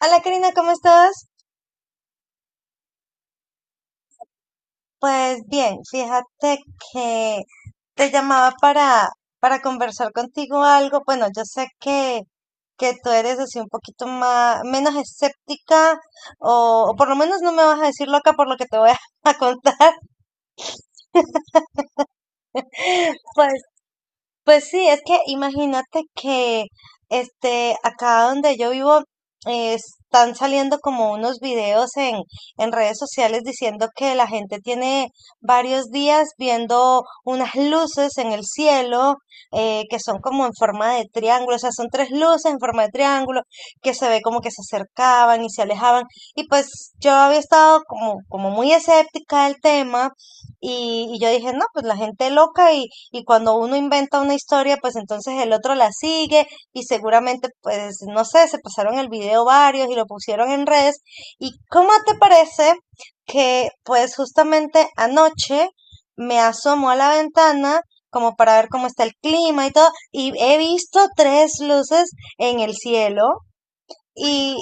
Hola Karina, ¿cómo estás? Pues bien, fíjate que te llamaba para conversar contigo algo. Bueno, yo sé que tú eres así un poquito más, menos escéptica, o por lo menos no me vas a decir loca por lo que te voy a, a contar. Pues Pues sí, es que imagínate que este acá donde yo vivo están saliendo como unos videos en redes sociales diciendo que la gente tiene varios días viendo unas luces en el cielo, que son como en forma de triángulo, o sea, son tres luces en forma de triángulo que se ve como que se acercaban y se alejaban. Y pues yo había estado como, como muy escéptica del tema y yo dije, no, pues la gente loca, y cuando uno inventa una historia, pues entonces el otro la sigue y seguramente, pues, no sé, se pasaron el video varios y lo pusieron en redes. ¿Y cómo te parece que, pues, justamente anoche me asomo a la ventana como para ver cómo está el clima y todo y he visto tres luces en el cielo? Y,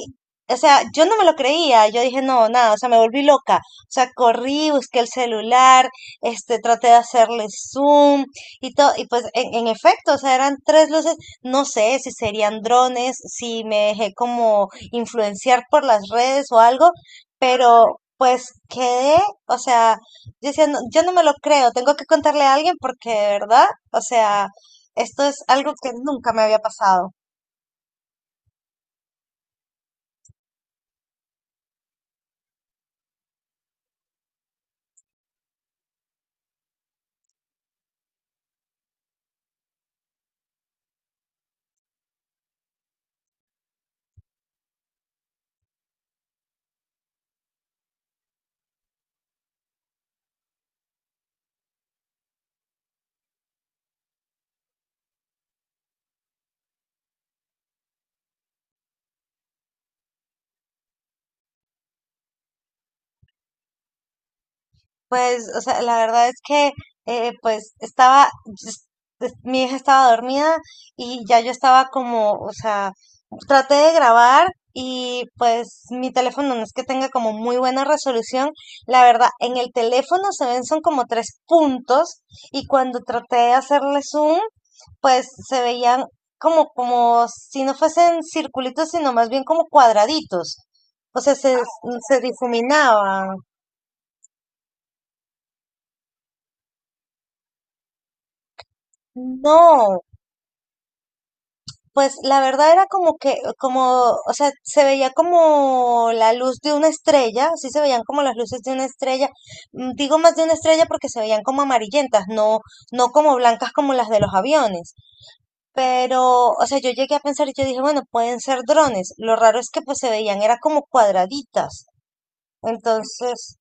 o sea, yo no me lo creía, yo dije, no, nada, o sea, me volví loca. O sea, corrí, busqué el celular, este, traté de hacerle zoom y todo, y pues en efecto, o sea, eran tres luces, no sé si serían drones, si me dejé como influenciar por las redes o algo, pero pues quedé, o sea, yo decía: "No, yo no me lo creo, tengo que contarle a alguien porque de verdad, o sea, esto es algo que nunca me había pasado". Pues, o sea, la verdad es que, pues, estaba, es- mi hija estaba dormida y ya yo estaba como, o sea, traté de grabar y pues mi teléfono no es que tenga como muy buena resolución. La verdad, en el teléfono se ven son como tres puntos, y cuando traté de hacerle zoom, pues se veían como, como si no fuesen circulitos, sino más bien como cuadraditos. O sea, se difuminaba. No. Pues la verdad era como que, como, o sea, se veía como la luz de una estrella, sí se veían como las luces de una estrella. Mm, digo más de una estrella porque se veían como amarillentas, no, no como blancas como las de los aviones. Pero, o sea, yo llegué a pensar y yo dije, bueno, pueden ser drones. Lo raro es que pues se veían, era como cuadraditas. Entonces,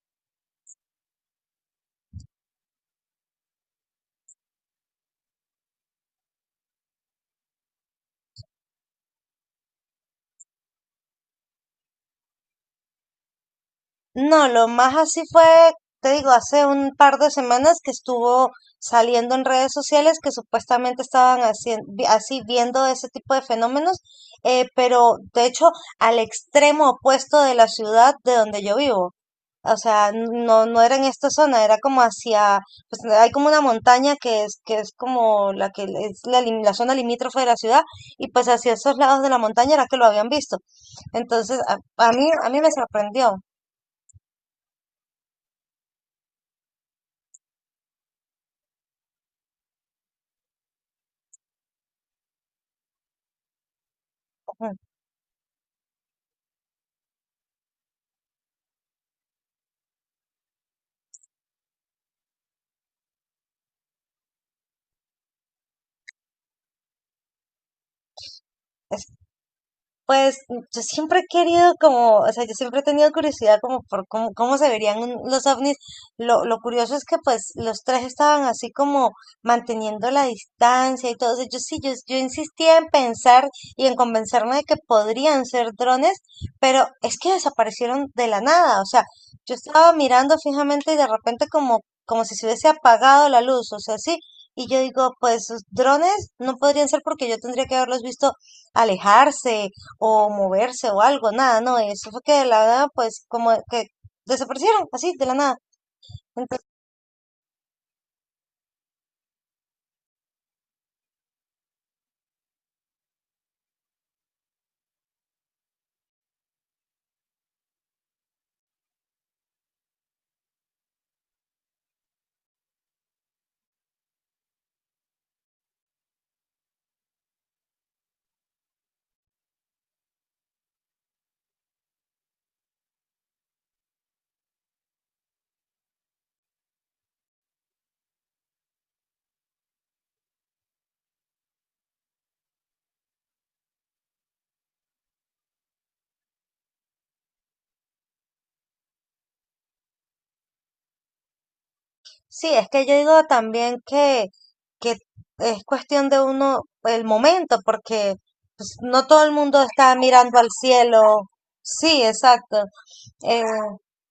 no, lo más así fue, te digo, hace un par de semanas que estuvo saliendo en redes sociales que supuestamente estaban así viendo ese tipo de fenómenos, pero de hecho al extremo opuesto de la ciudad de donde yo vivo. O sea, no, no era en esta zona, era como hacia, pues hay como una montaña que es como la que es la, la zona limítrofe de la ciudad, y pues hacia esos lados de la montaña era que lo habían visto. Entonces, a mí me sorprendió. Ujú. Pues yo siempre he querido como, o sea, yo siempre he tenido curiosidad como por cómo, cómo se verían los ovnis. Lo curioso es que pues los tres estaban así como manteniendo la distancia y todo. O sea, yo sí, yo insistía en pensar y en convencerme de que podrían ser drones, pero es que desaparecieron de la nada. O sea, yo estaba mirando fijamente y de repente como, como si se hubiese apagado la luz, o sea, sí. Y yo digo, pues drones no podrían ser porque yo tendría que haberlos visto alejarse o moverse o algo, nada, no, eso fue que de la nada, pues como que desaparecieron así, de la nada. Entonces, sí, es que yo digo también que es cuestión de uno, el momento, porque pues, no todo el mundo está mirando al cielo. Sí, exacto. Eh,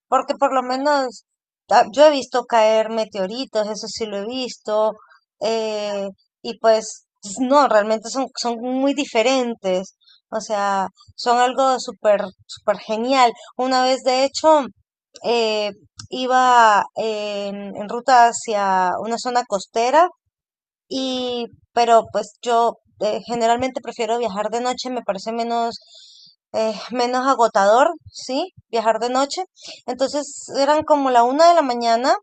porque por lo menos yo he visto caer meteoritos, eso sí lo he visto, eh, y pues no, realmente son, son muy diferentes, o sea, son algo súper, súper genial. Una vez, de hecho, eh, iba en ruta hacia una zona costera y, pero pues yo generalmente prefiero viajar de noche, me parece menos, menos agotador, ¿sí? Viajar de noche. Entonces eran como la una de la mañana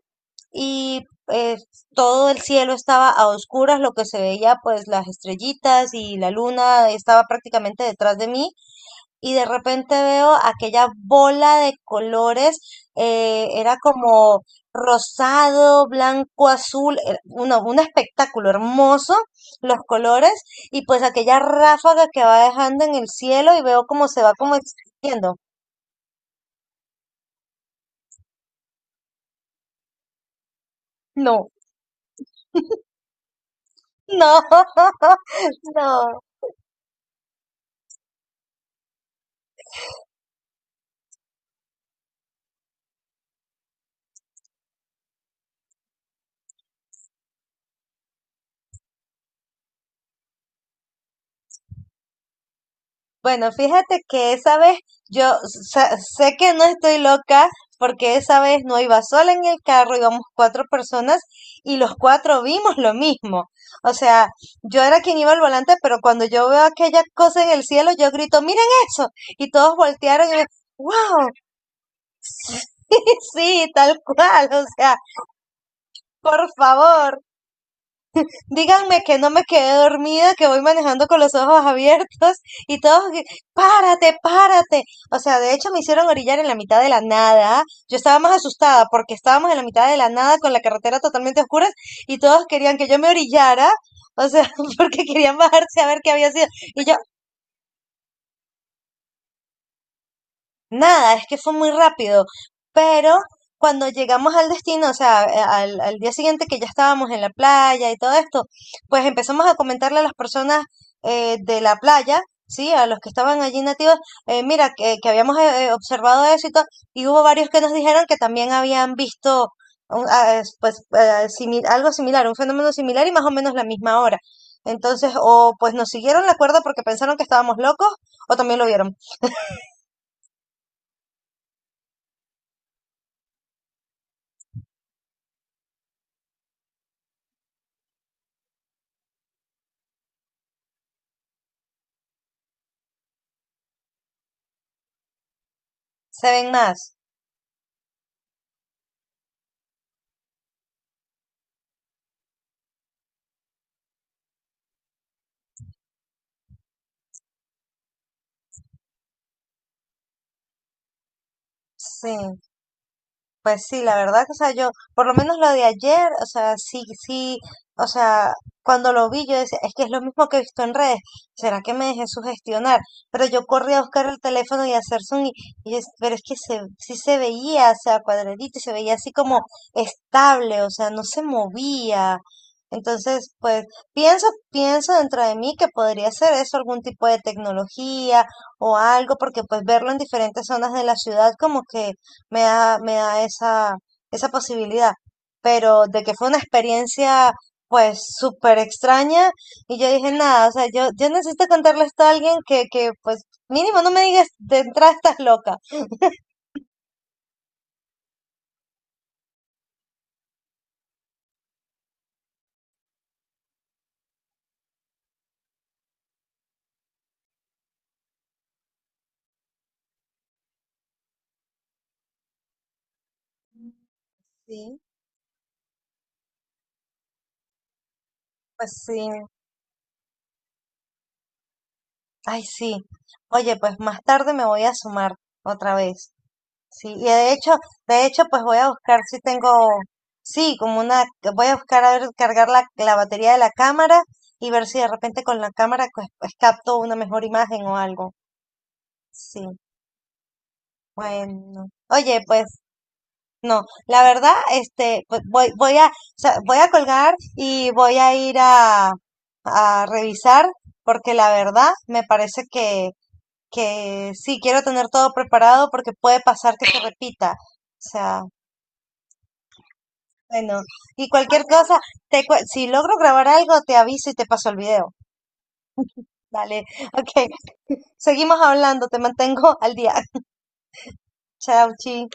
y eh, todo el cielo estaba a oscuras, lo que se veía pues las estrellitas y la luna estaba prácticamente detrás de mí y de repente veo aquella bola de colores, era como rosado, blanco, azul, era un espectáculo hermoso los colores y pues aquella ráfaga que va dejando en el cielo y veo cómo se va como extinguiendo. No, no, no. Bueno, fíjate que esa vez yo sé que no estoy loca porque esa vez no iba sola en el carro, íbamos cuatro personas y los cuatro vimos lo mismo. O sea, yo era quien iba al volante, pero cuando yo veo aquella cosa en el cielo, yo grito, miren eso. Y todos voltearon y me, wow, sí, tal cual, o sea, por favor. Díganme que no me quedé dormida, que voy manejando con los ojos abiertos y todos, que, párate, párate. O sea, de hecho me hicieron orillar en la mitad de la nada. Yo estaba más asustada porque estábamos en la mitad de la nada con la carretera totalmente oscura y todos querían que yo me orillara. O sea, porque querían bajarse a ver qué había sido. Y yo, nada, es que fue muy rápido, pero cuando llegamos al destino, o sea, al, al día siguiente que ya estábamos en la playa y todo esto, pues empezamos a comentarle a las personas de la playa, sí, a los que estaban allí nativos, mira, que habíamos observado eso y todo, y hubo varios que nos dijeron que también habían visto pues, algo similar, un fenómeno similar y más o menos la misma hora. Entonces, o pues nos siguieron la cuerda porque pensaron que estábamos locos, o también lo vieron. Se ven más. Sí, pues sí, la verdad que, o sea, yo, por lo menos lo de ayer, o sea, sí, sí, o sea, cuando lo vi yo decía, es que es lo mismo que he visto en redes, ¿será que me dejé sugestionar? Pero yo corrí a buscar el teléfono y a hacer zoom y, pero es que se, sí se veía, o sea, cuadradito y se veía así como estable, o sea, no se movía. Entonces, pues pienso, pienso dentro de mí que podría ser eso, algún tipo de tecnología o algo, porque pues verlo en diferentes zonas de la ciudad como que me da esa, esa posibilidad. Pero de que fue una experiencia pues súper extraña y yo dije, nada, o sea, yo necesito contarle esto a alguien que pues mínimo no me digas de entrada estás loca. Sí, pues sí, ay sí. Oye, pues más tarde me voy a sumar otra vez. Sí, y de hecho, pues voy a buscar si tengo, sí, como una, voy a buscar a ver, cargar la, la batería de la cámara y ver si de repente con la cámara pues, pues, capto una mejor imagen o algo. Sí, bueno. Oye, pues no, la verdad, este, pues, voy, voy a, o sea, voy a colgar y voy a ir a revisar porque la verdad me parece que sí, quiero tener todo preparado porque puede pasar que se repita. O sea, bueno, y cualquier cosa, si logro grabar algo, te aviso y te paso el video. Dale, ok, seguimos hablando, te mantengo al día. Chao, chi.